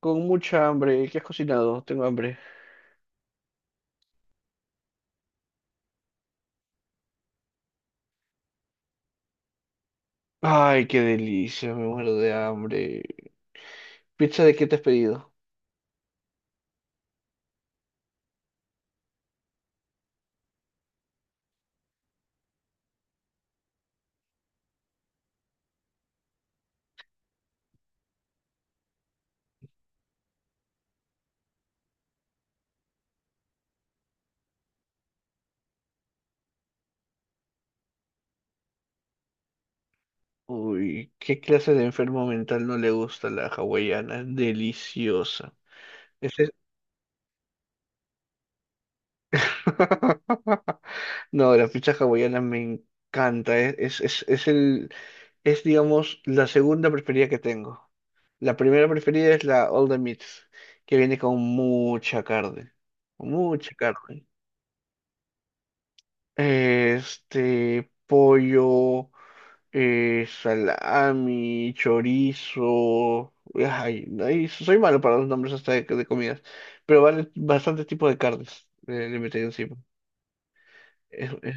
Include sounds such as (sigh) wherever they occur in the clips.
Con mucha hambre. ¿Qué has cocinado? Tengo hambre. Ay, qué delicia, me muero de hambre. ¿Pizza de qué te has pedido? Uy, ¿qué clase de enfermo mental no le gusta la hawaiana? Deliciosa. Ese- (laughs) No, la pizza hawaiana me encanta. Es, digamos, la segunda preferida que tengo. La primera preferida es la All the Meats, que viene con mucha carne. Mucha carne. Este, pollo, salami, chorizo. Ay, ay, soy malo para los nombres hasta de comidas, pero vale bastante tipo de carnes le metí encima. Es- es-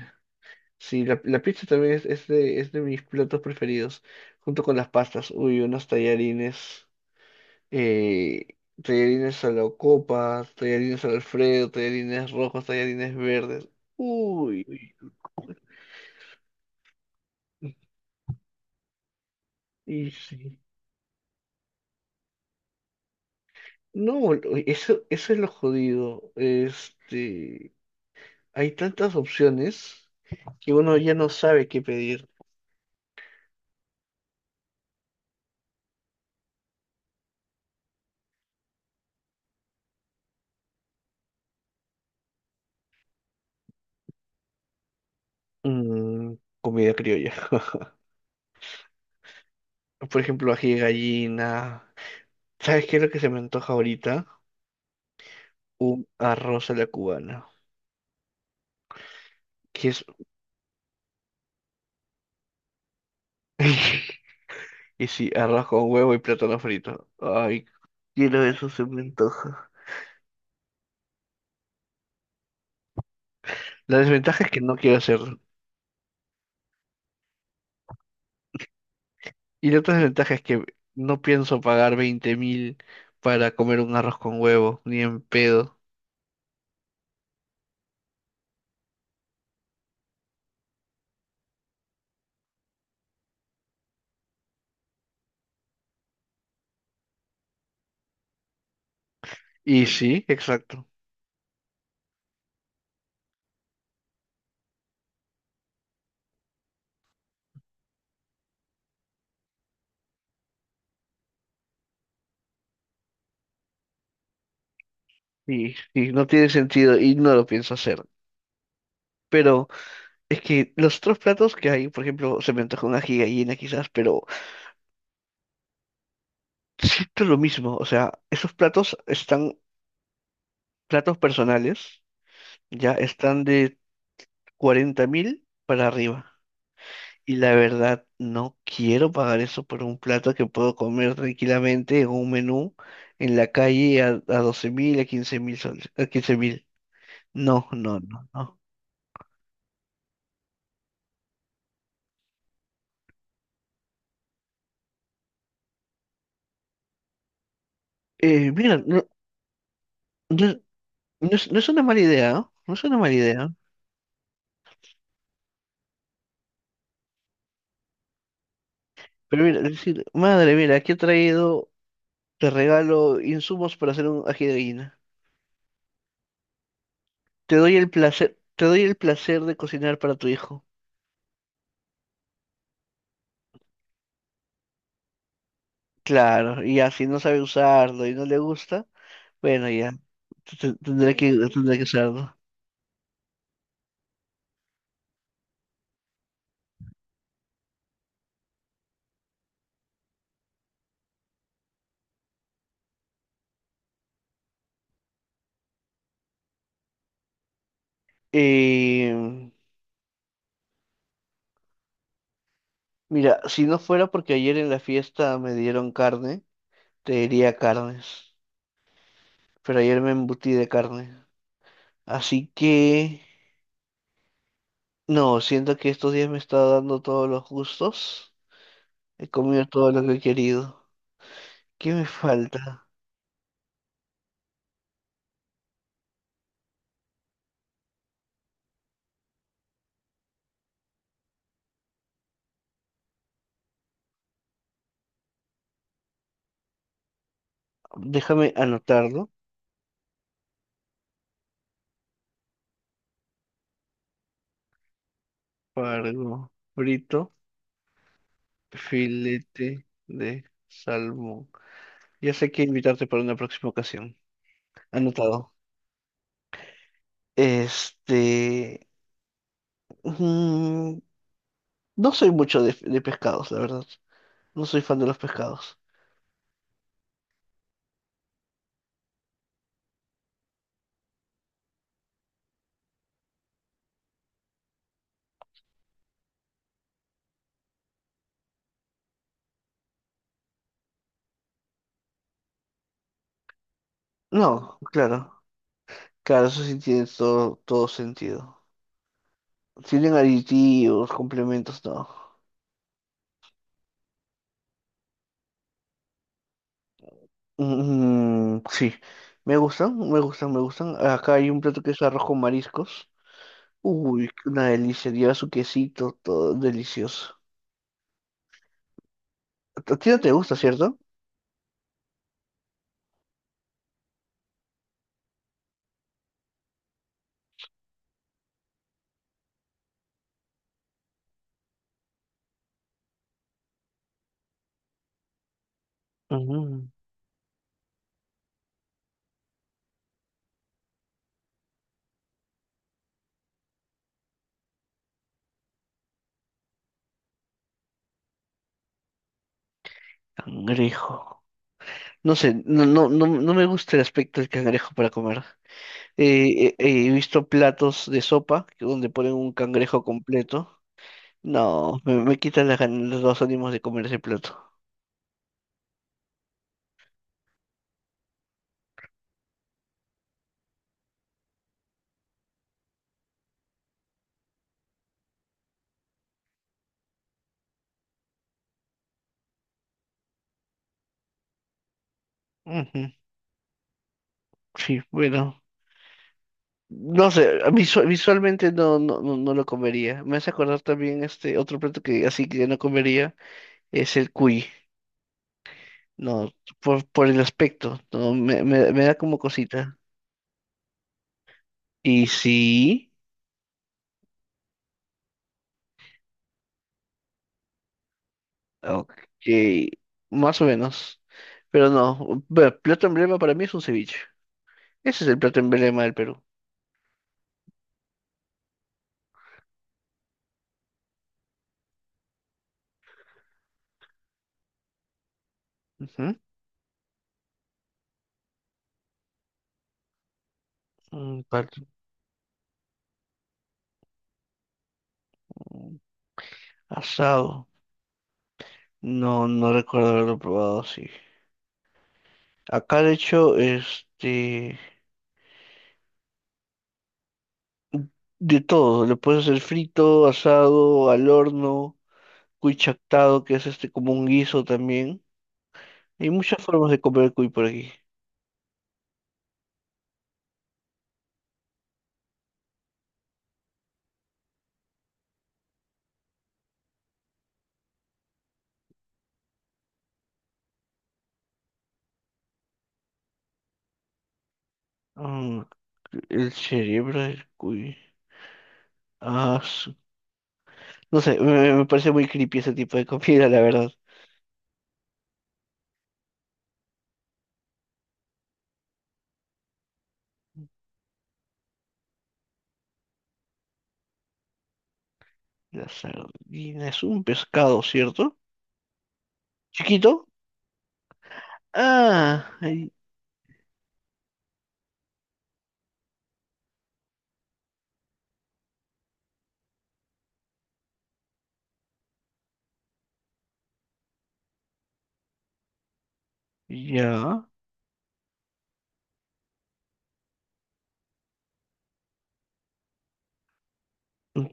sí, la pizza también es de mis platos preferidos, junto con las pastas. Uy, unos tallarines, eh, tallarines a la copa, tallarines al Alfredo, tallarines rojos, tallarines verdes. Uy, uy, y sí. No, eso es lo jodido. Este, hay tantas opciones que uno ya no sabe qué pedir. Mm, comida criolla. (laughs) Por ejemplo, ají de gallina. ¿Sabes qué es lo que se me antoja ahorita? Un arroz a la cubana. Que es... (laughs) Y sí, arroz con huevo y plátano frito. Ay, quiero eso, se me antoja. La desventaja es que no quiero hacerlo. Y la otra desventaja es que no pienso pagar 20.000 para comer un arroz con huevo, ni en pedo. Y sí, exacto. Y no tiene sentido y no lo pienso hacer. Pero es que los otros platos que hay, por ejemplo, se me antoja una gigallina quizás, pero siento lo mismo. O sea, esos platos están, platos personales, ya están de 40.000 para arriba. Y la verdad, no quiero pagar eso por un plato que puedo comer tranquilamente en un menú en la calle a 12.000, a 15.000 soles, a 15.000. No, no, no, no. Mira, no, no- no es, no es una mala idea, ¿no? No es una mala idea. Pero mira, decir, madre, mira, aquí he traído, te regalo insumos para hacer un ají de gallina. Te doy el placer, te doy el placer de cocinar para tu hijo. Claro, y ya, si no sabe usarlo y no le gusta, bueno, ya, tendré que usarlo. Eh, mira, si no fuera porque ayer en la fiesta me dieron carne, te diría carnes. Pero ayer me embutí de carne. Así que... No, siento que estos días me está dando todos los gustos. He comido todo lo que he querido. ¿Qué me falta? Déjame anotarlo. Pargo frito, filete de salmón. Ya sé que invitarte para una próxima ocasión. Anotado. Este... mm, no soy mucho de pescados, la verdad. No soy fan de los pescados. No, claro. Claro, eso sí tiene todo, todo sentido. Tienen aditivos, complementos, no. Sí, me gustan, me gustan, me gustan. Acá hay un plato que es arroz con mariscos. Uy, una delicia, lleva su quesito, todo delicioso. A ti no te gusta, ¿cierto? Mm, cangrejo. No sé, no, no, no, no me gusta el aspecto del cangrejo para comer. He visto platos de sopa donde ponen un cangrejo completo. No, me quitan las ganas, los ánimos de comer ese plato. Ujú, sí, bueno. No sé, a mí visualmente no, no, no, no lo comería. Me hace acordar también este otro plato que así que no comería es el cuy. No, por el aspecto, no, me da como cosita. Y sí, ok, más o menos. Pero no, bueno, plato emblema para mí es un ceviche. Ese es el plato emblema del Perú. Ujú. Mm, par- mm, Asado. No, no recuerdo haberlo probado así. Acá de hecho, De todo, le puedes hacer frito, asado, al horno, cuy chactado, que es este como un guiso también. Hay muchas formas de comer el cuy por aquí. Mm, el cerebro del cuy. Ah, no sé, me parece muy creepy ese tipo de comida, la verdad. La sardina es un pescado, ¿cierto? ¿Chiquito? Ah, ay, ya.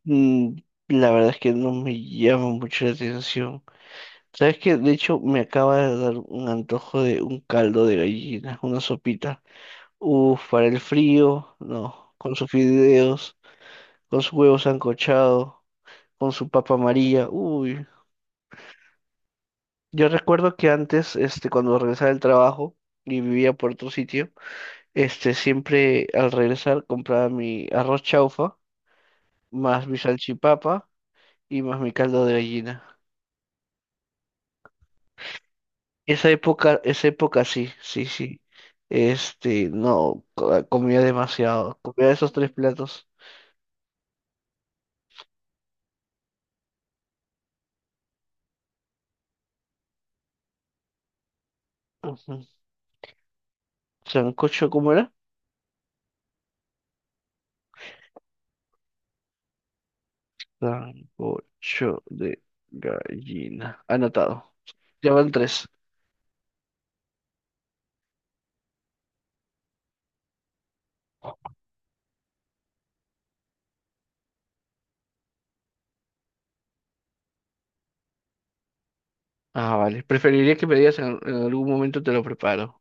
Mm, la verdad es que no me llama mucho la atención. ¿Sabes qué? De hecho, me acaba de dar un antojo de un caldo de gallina, una sopita. Uf, para el frío, no. Con sus fideos, con sus huevos sancochado, con su papa amarilla. Uy. Yo recuerdo que antes, este, cuando regresaba del trabajo y vivía por otro sitio, este, siempre al regresar compraba mi arroz chaufa, más mi salchipapa y más mi caldo de gallina. Esa época sí, sí, sí. Este, no, comía demasiado. Comía esos tres platos. Ujú. Sancocho, ¿cómo era? Sancocho de gallina. Anotado. Ya van tres. Ah, vale. Preferiría que me digas en algún momento te lo preparo.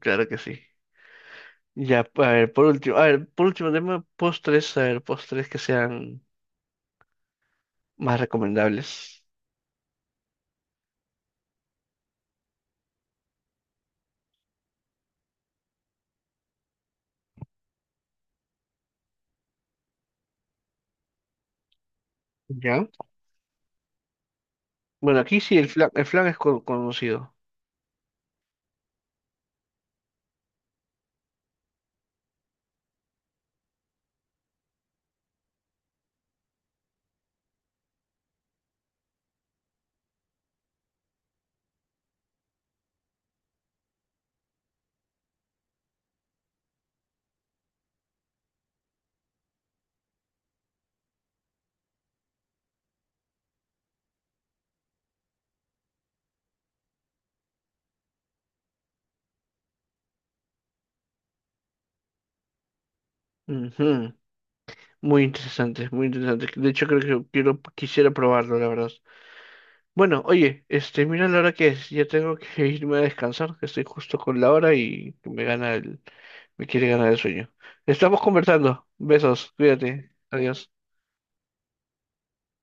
Claro que sí. Ya, a ver, por último, a ver, por último tema, postres, a ver, postres que sean más recomendables. ¿Ya? Bueno, aquí sí el flan es conocido. Ujú. Muy interesante, muy interesante. De hecho, creo que quiero, quisiera probarlo, la verdad. Bueno, oye, este, mira la hora que es. Ya tengo que (laughs) irme a descansar, que estoy justo con la hora y que me gana me quiere ganar el sueño. Estamos conversando. Besos, cuídate. Adiós.